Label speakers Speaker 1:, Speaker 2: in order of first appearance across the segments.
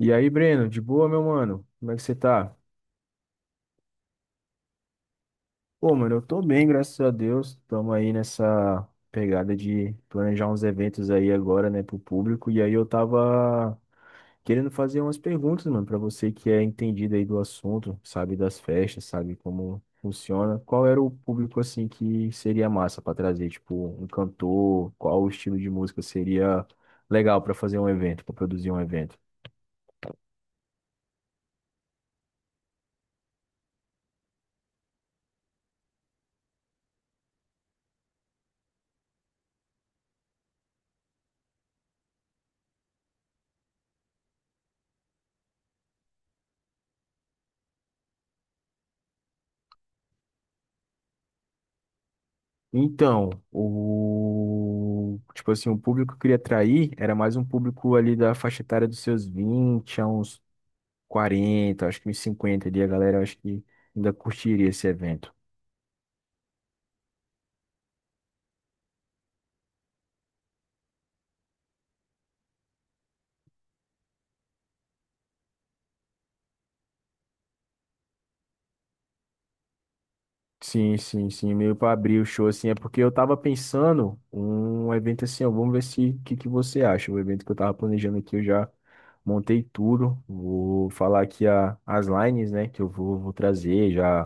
Speaker 1: E aí, Breno, de boa, meu mano? Como é que você tá? Pô, mano, eu tô bem, graças a Deus. Tamo aí nessa pegada de planejar uns eventos aí agora, né, pro público. E aí eu tava querendo fazer umas perguntas, mano, pra você que é entendido aí do assunto, sabe das festas, sabe como funciona. Qual era o público, assim, que seria massa pra trazer? Tipo, um cantor? Qual o estilo de música seria legal pra fazer um evento, pra produzir um evento? Então, o tipo assim, o público que eu queria atrair era mais um público ali da faixa etária dos seus 20, a uns 40, acho que uns 50 ali, a galera acho que ainda curtiria esse evento. Sim, sim, sim, meio para abrir o show, assim, é porque eu tava pensando um evento assim, ó, vamos ver se o que que você acha, o evento que eu tava planejando aqui, eu já montei tudo, vou falar aqui as lines, né, que eu vou trazer, já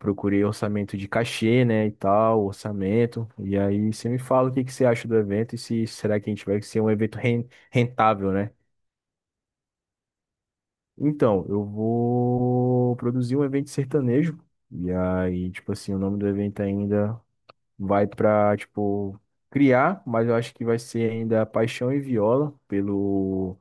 Speaker 1: procurei orçamento de cachê, né, e tal, orçamento, e aí você me fala o que que você acha do evento e se será que a gente vai ser um evento rentável, né? Então, eu vou produzir um evento sertanejo, e aí, tipo assim, o nome do evento ainda vai pra, tipo, criar, mas eu acho que vai ser ainda Paixão e Viola, pelo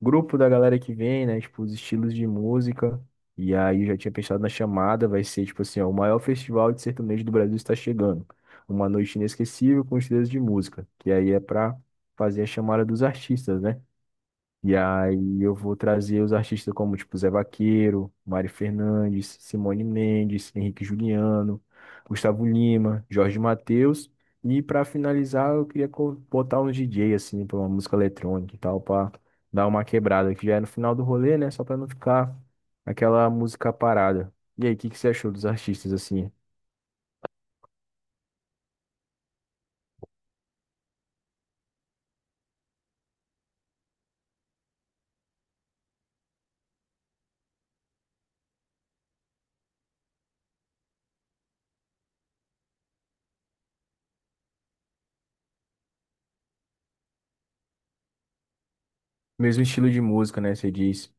Speaker 1: grupo da galera que vem, né? Tipo, os estilos de música. E aí eu já tinha pensado na chamada, vai ser, tipo assim, ó, o maior festival de sertanejo do Brasil está chegando. Uma noite inesquecível com estilos de música. Que aí é pra fazer a chamada dos artistas, né? E aí eu vou trazer os artistas como, tipo, Zé Vaqueiro, Mari Fernandes, Simone Mendes, Henrique Juliano, Gustavo Lima, Jorge Mateus. E para finalizar, eu queria botar um DJ, assim, pra uma música eletrônica e tal, pra dar uma quebrada, que já é no final do rolê, né? Só pra não ficar aquela música parada. E aí, o que que você achou dos artistas, assim? Mesmo estilo de música, né? Você diz.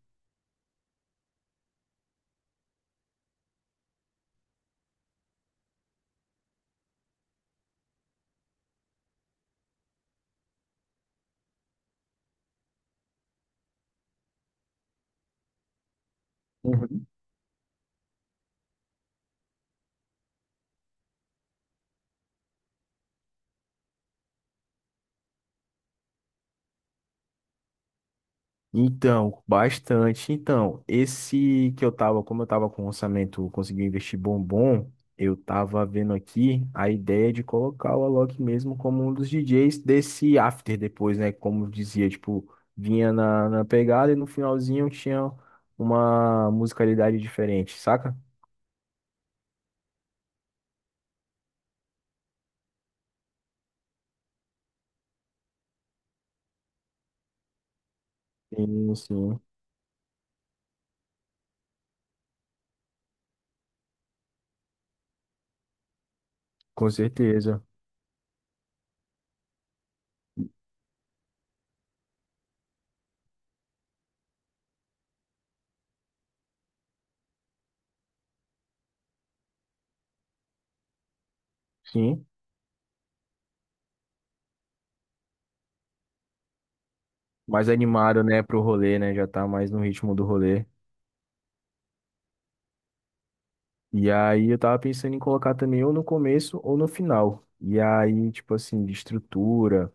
Speaker 1: Uhum. Então, bastante. Então, esse que eu tava, como eu tava com um orçamento, consegui investir bom bom, eu tava vendo aqui a ideia de colocar o Alok mesmo como um dos DJs desse after depois, né? Como eu dizia, tipo, vinha na pegada e no finalzinho tinha uma musicalidade diferente, saca? Sim, sim, com certeza. Sim, mais animado, né, pro rolê, né? Já tá mais no ritmo do rolê. E aí eu tava pensando em colocar também ou no começo ou no final. E aí, tipo assim, de estrutura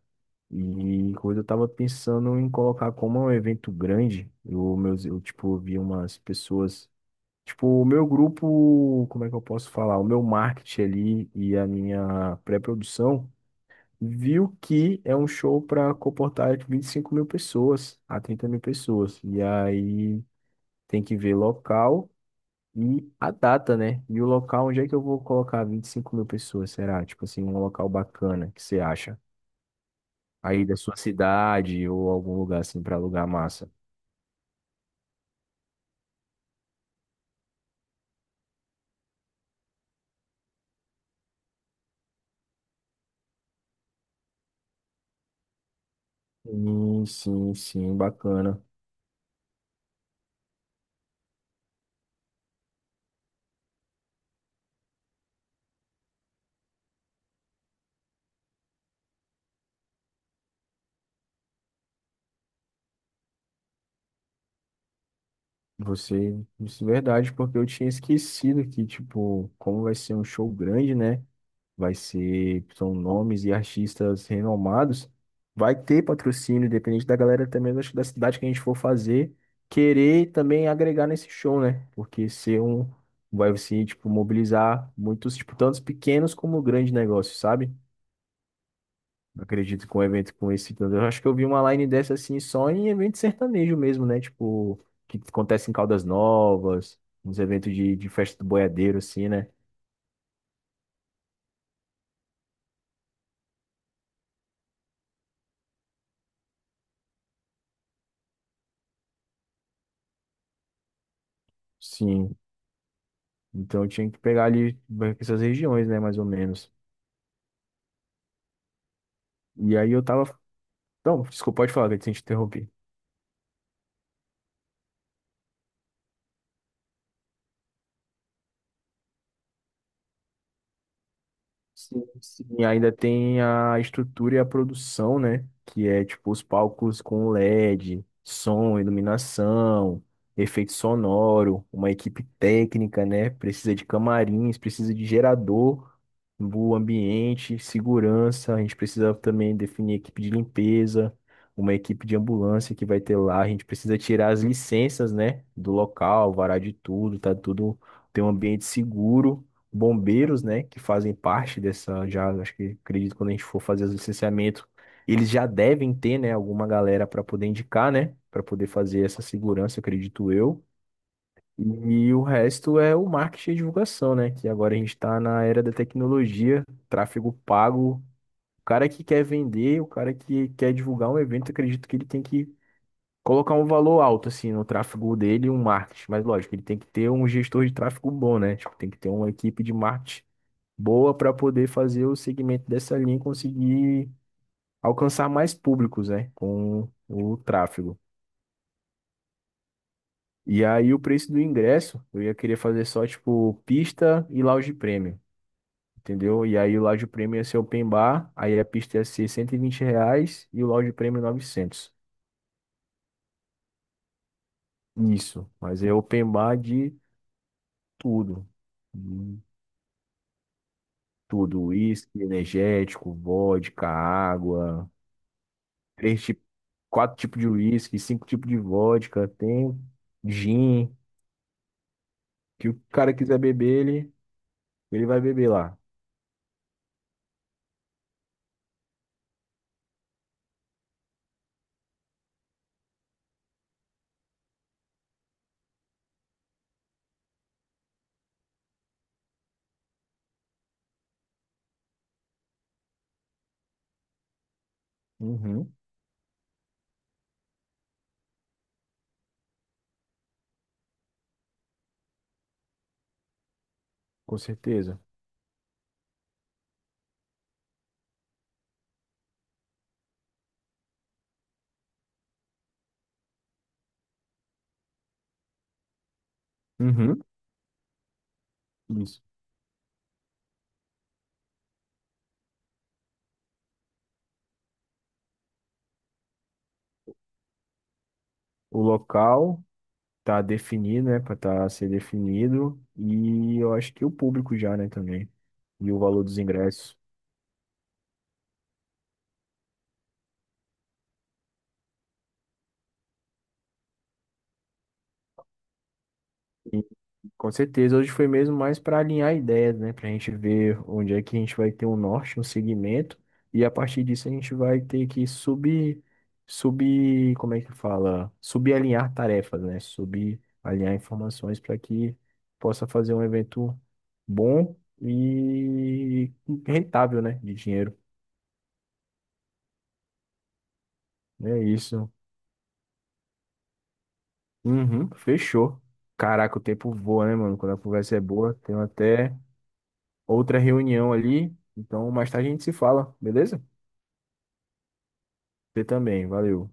Speaker 1: e coisa, eu tava pensando em colocar como é um evento grande. Eu, meus, eu tipo, vi umas pessoas. Tipo, o meu grupo, como é que eu posso falar? O meu marketing ali e a minha pré-produção viu que é um show para comportar de 25 mil pessoas a 30 mil pessoas. E aí tem que ver local. E a data, né? E o local, onde é que eu vou colocar 25 mil pessoas, será? Tipo assim, um local bacana que você acha? Aí da sua cidade ou algum lugar assim para alugar massa. Sim, sim, sim, bacana. Você, isso é verdade, porque eu tinha esquecido que, tipo, como vai ser um show grande, né? Vai ser, são nomes e artistas renomados. Vai ter patrocínio, independente da galera também, acho que da cidade que a gente for fazer, querer também agregar nesse show, né? Porque ser um, vai se, tipo, mobilizar muitos, tipo, tantos pequenos como grandes negócios, sabe? Acredito que um evento com esse, eu acho que eu vi uma line dessa assim só em evento sertanejo mesmo, né? Tipo, que acontece em Caldas Novas, uns eventos de festa do boiadeiro, assim, né? Sim, então eu tinha que pegar ali essas regiões, né, mais ou menos. E aí eu tava. Não, desculpa, pode falar, que eu te interrompi. Sim, sim. E ainda tem a estrutura e a produção, né? Que é tipo os palcos com LED, som, iluminação, efeito sonoro, uma equipe técnica, né? Precisa de camarins, precisa de gerador, o ambiente, segurança. A gente precisa também definir equipe de limpeza, uma equipe de ambulância que vai ter lá. A gente precisa tirar as licenças, né? Do local, varar de tudo, tá tudo, ter um ambiente seguro, bombeiros, né, que fazem parte dessa, já acho que acredito que quando a gente for fazer os licenciamentos, eles já devem ter, né, alguma galera para poder indicar, né, para poder fazer essa segurança, acredito eu. E o resto é o marketing e divulgação, né? Que agora a gente está na era da tecnologia, tráfego pago. O cara que quer vender, o cara que quer divulgar um evento, acredito que ele tem que colocar um valor alto, assim, no tráfego dele e um marketing. Mas lógico, ele tem que ter um gestor de tráfego bom, né? Tipo, tem que ter uma equipe de marketing boa para poder fazer o segmento dessa linha e conseguir alcançar mais públicos, né, com o tráfego. E aí o preço do ingresso, eu ia querer fazer só tipo pista e lounge premium, entendeu? E aí o lounge premium ia ser open bar, aí a pista ia ser R$ 120 e o lounge premium novecentos. Isso, mas é open bar de tudo. De tudo, uísque, energético, vodka, água, três quatro tipos de uísque, cinco tipos de vodka, tem gin, que o cara quiser beber, ele vai beber lá. Uhum, com certeza. Uhum, isso. O local tá definido, né, para tá ser definido e eu acho que o público já, né, também. E o valor dos ingressos. Com certeza, hoje foi mesmo mais para alinhar ideias, né? Para a gente ver onde é que a gente vai ter um norte, um segmento, e a partir disso a gente vai ter que subir, subir, como é que fala? Subalinhar tarefas, né? Subalinhar informações para que possa fazer um evento bom e rentável, né? De dinheiro. É isso. Uhum, fechou. Caraca, o tempo voa, né, mano? Quando a conversa é boa, tenho até outra reunião ali. Então, mais tarde a gente se fala, beleza? Você também, valeu.